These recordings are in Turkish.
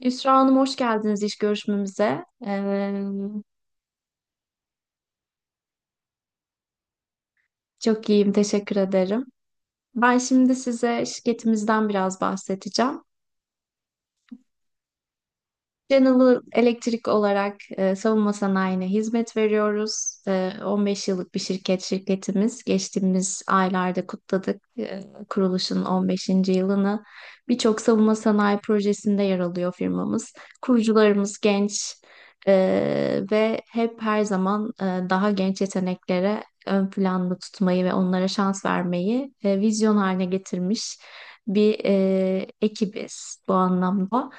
Yusra Hanım hoş geldiniz iş görüşmemize. Çok iyiyim, teşekkür ederim. Ben şimdi size şirketimizden biraz bahsedeceğim. General Electric olarak savunma sanayine hizmet veriyoruz. 15 yıllık bir şirketimiz. Geçtiğimiz aylarda kutladık kuruluşun 15. yılını. Birçok savunma sanayi projesinde yer alıyor firmamız. Kurucularımız genç ve hep her zaman daha genç yeteneklere ön planda tutmayı ve onlara şans vermeyi vizyon haline getirmiş bir ekibiz bu anlamda.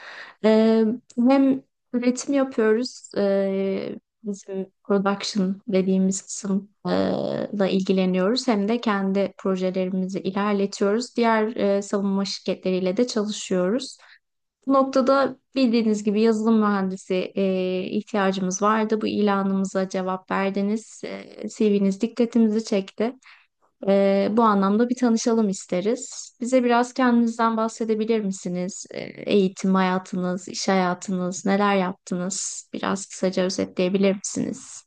Ee, hem üretim yapıyoruz, bizim production dediğimiz kısımla ilgileniyoruz. Hem de kendi projelerimizi ilerletiyoruz. Diğer savunma şirketleriyle de çalışıyoruz. Bu noktada bildiğiniz gibi yazılım mühendisi ihtiyacımız vardı. Bu ilanımıza cevap verdiniz. CV'niz dikkatimizi çekti. Bu anlamda bir tanışalım isteriz. Bize biraz kendinizden bahsedebilir misiniz? Eğitim hayatınız, iş hayatınız, neler yaptınız? Biraz kısaca özetleyebilir misiniz?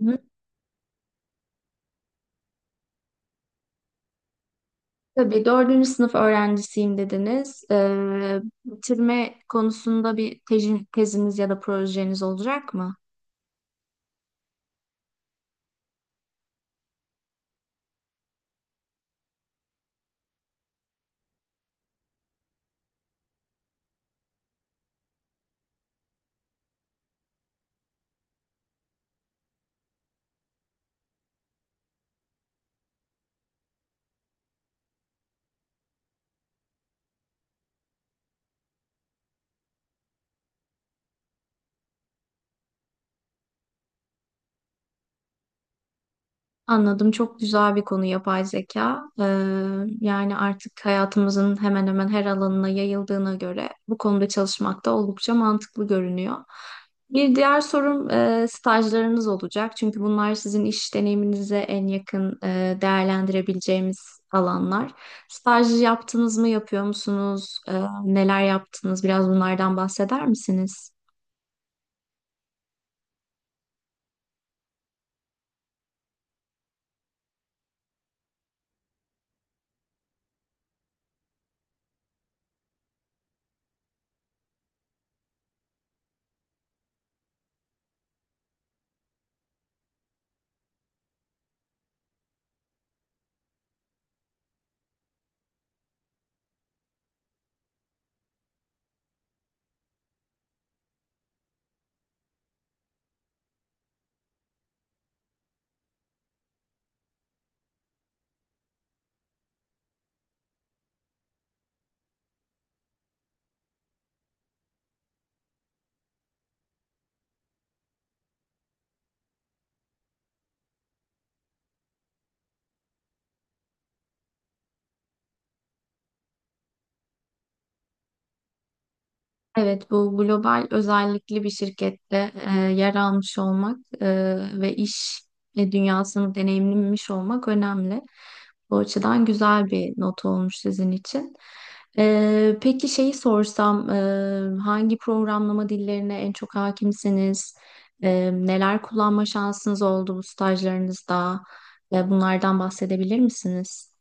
Hı. Tabii dördüncü sınıf öğrencisiyim dediniz. Bitirme konusunda bir teziniz ya da projeniz olacak mı? Anladım. Çok güzel bir konu yapay zeka. Yani artık hayatımızın hemen hemen her alanına yayıldığına göre bu konuda çalışmak da oldukça mantıklı görünüyor. Bir diğer sorum stajlarınız olacak. Çünkü bunlar sizin iş deneyiminize en yakın değerlendirebileceğimiz alanlar. Staj yaptınız mı, yapıyor musunuz? Neler yaptınız? Biraz bunlardan bahseder misiniz? Evet, bu global özellikli bir şirkette yer almış olmak ve iş dünyasını deneyimlemiş olmak önemli. Bu açıdan güzel bir not olmuş sizin için. Peki şeyi sorsam, hangi programlama dillerine en çok hakimsiniz? Neler kullanma şansınız oldu bu stajlarınızda? Ve bunlardan bahsedebilir misiniz?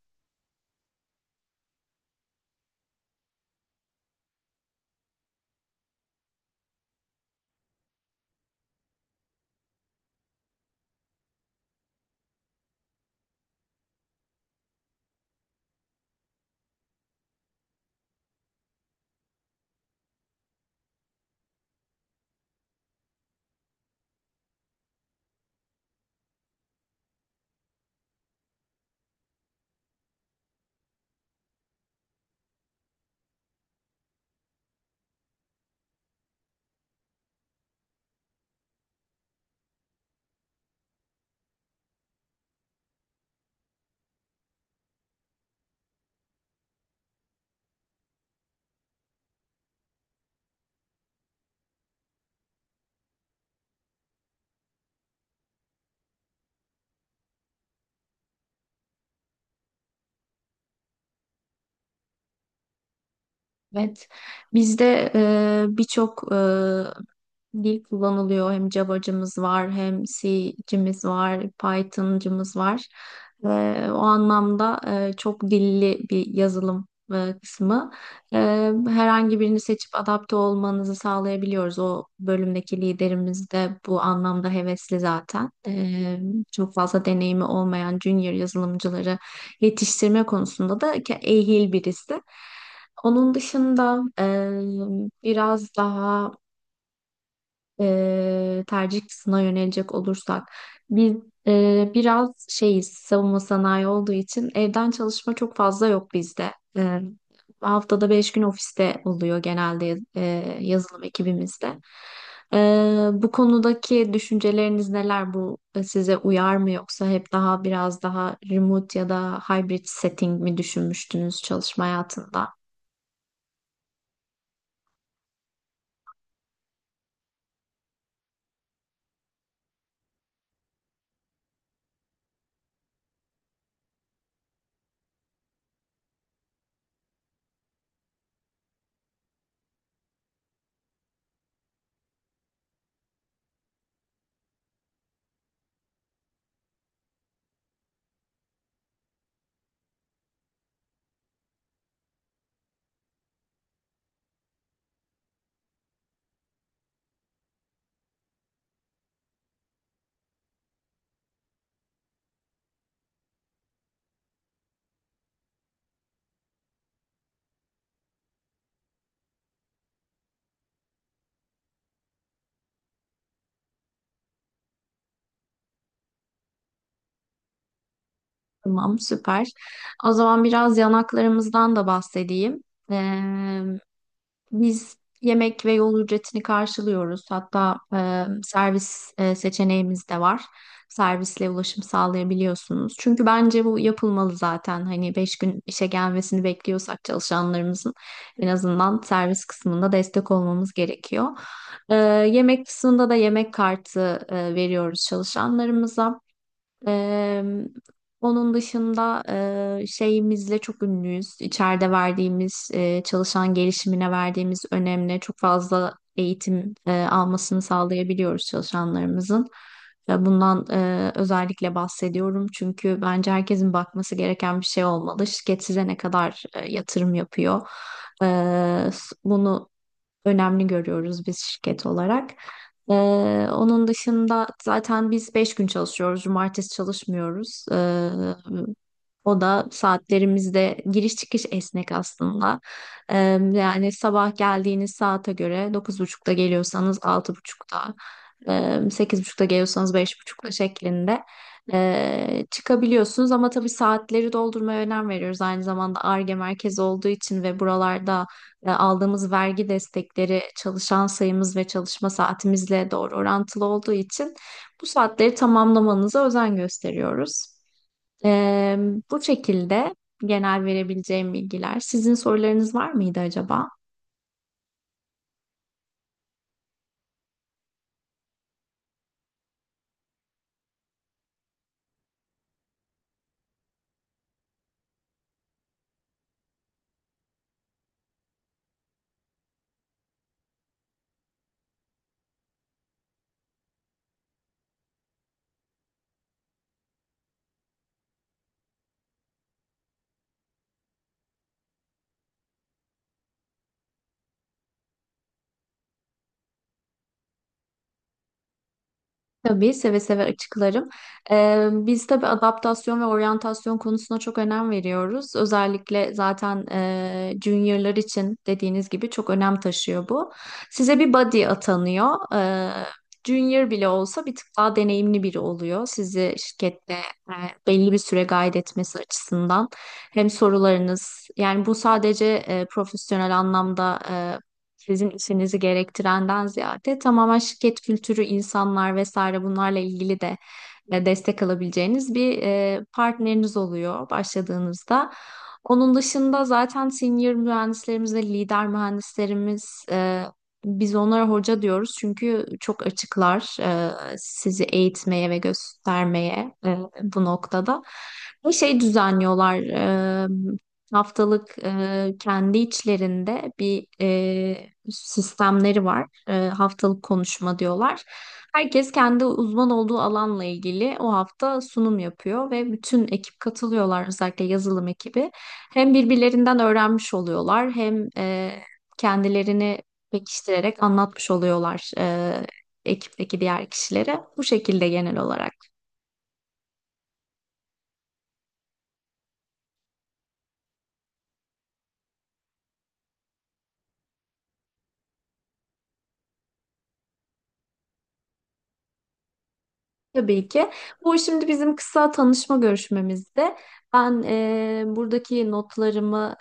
Evet. Bizde birçok dil kullanılıyor. Hem Java'cımız var, hem C'cimiz var, Python'cımız var. O anlamda çok dilli bir yazılım kısmı. Herhangi birini seçip adapte olmanızı sağlayabiliyoruz. O bölümdeki liderimiz de bu anlamda hevesli zaten. Çok fazla deneyimi olmayan junior yazılımcıları yetiştirme konusunda da ehil birisi. Onun dışında biraz daha tercih kısmına yönelecek olursak biz biraz şeyiz savunma sanayi olduğu için evden çalışma çok fazla yok bizde. E, haftada 5 gün ofiste oluyor genelde yazılım ekibimizde. E, bu konudaki düşünceleriniz neler? Bu size uyar mı yoksa hep daha biraz daha remote ya da hybrid setting mi düşünmüştünüz çalışma hayatında? Tamam, süper. O zaman biraz yanaklarımızdan da bahsedeyim. Ee, Biz yemek ve yol ücretini karşılıyoruz. Hatta servis seçeneğimiz de var. Servisle ulaşım sağlayabiliyorsunuz. Çünkü bence bu yapılmalı zaten. Hani beş gün işe gelmesini bekliyorsak çalışanlarımızın en azından servis kısmında destek olmamız gerekiyor. E, yemek kısmında da yemek kartı veriyoruz çalışanlarımıza. Eee, onun dışında şeyimizle çok ünlüyüz. İçeride verdiğimiz, çalışan gelişimine verdiğimiz önemli çok fazla eğitim almasını sağlayabiliyoruz çalışanlarımızın. Ve bundan özellikle bahsediyorum. Çünkü bence herkesin bakması gereken bir şey olmalı. Şirket size ne kadar yatırım yapıyor? Bunu önemli görüyoruz biz şirket olarak. Ee, onun dışında zaten biz 5 gün çalışıyoruz. Cumartesi çalışmıyoruz. O da saatlerimizde giriş çıkış esnek aslında. Ee, yani sabah geldiğiniz saate göre dokuz buçukta geliyorsanız altı buçukta, sekiz buçukta geliyorsanız 5:30'da şeklinde çıkabiliyorsunuz. Ama tabii saatleri doldurmaya önem veriyoruz. Aynı zamanda Ar-Ge merkezi olduğu için ve buralarda aldığımız vergi destekleri çalışan sayımız ve çalışma saatimizle doğru orantılı olduğu için bu saatleri tamamlamanıza özen gösteriyoruz. E, bu şekilde genel verebileceğim bilgiler. Sizin sorularınız var mıydı acaba? Tabii seve seve açıklarım. Biz tabii adaptasyon ve oryantasyon konusuna çok önem veriyoruz. Özellikle zaten juniorlar için dediğiniz gibi çok önem taşıyor bu. Size bir buddy atanıyor. Junior bile olsa bir tık daha deneyimli biri oluyor. Sizi şirkette e, belli bir süre guide etmesi açısından. Hem sorularınız yani bu sadece profesyonel anlamda sizin işinizi gerektirenden ziyade tamamen şirket kültürü, insanlar vesaire bunlarla ilgili de destek alabileceğiniz bir partneriniz oluyor başladığınızda. Onun dışında zaten senior mühendislerimiz ve lider mühendislerimiz biz onlara hoca diyoruz çünkü çok açıklar sizi eğitmeye ve göstermeye bu noktada. Bir şey düzenliyorlar haftalık kendi içlerinde bir sistemleri var. Haftalık konuşma diyorlar. Herkes kendi uzman olduğu alanla ilgili o hafta sunum yapıyor ve bütün ekip katılıyorlar özellikle yazılım ekibi. Hem birbirlerinden öğrenmiş oluyorlar hem kendilerini pekiştirerek anlatmış oluyorlar ekipteki diğer kişilere. Bu şekilde genel olarak. Tabii ki. Bu şimdi bizim kısa tanışma görüşmemizde ben buradaki notlarımı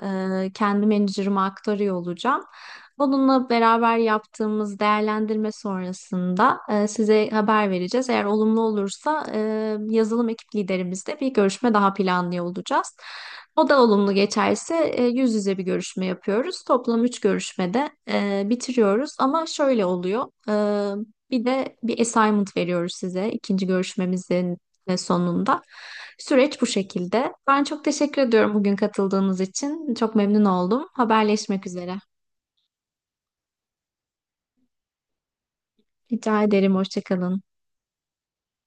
kendi menajerime aktarıyor olacağım. Onunla beraber yaptığımız değerlendirme sonrasında size haber vereceğiz. Eğer olumlu olursa yazılım ekip liderimizle bir görüşme daha planlıyor olacağız. O da olumlu geçerse yüz yüze bir görüşme yapıyoruz. Toplam üç görüşmede bitiriyoruz. Ama şöyle oluyor. Bir de bir assignment veriyoruz size ikinci görüşmemizin sonunda. Süreç bu şekilde. Ben çok teşekkür ediyorum bugün katıldığınız için. Çok memnun oldum. Haberleşmek üzere. Rica ederim. Hoşça kalın.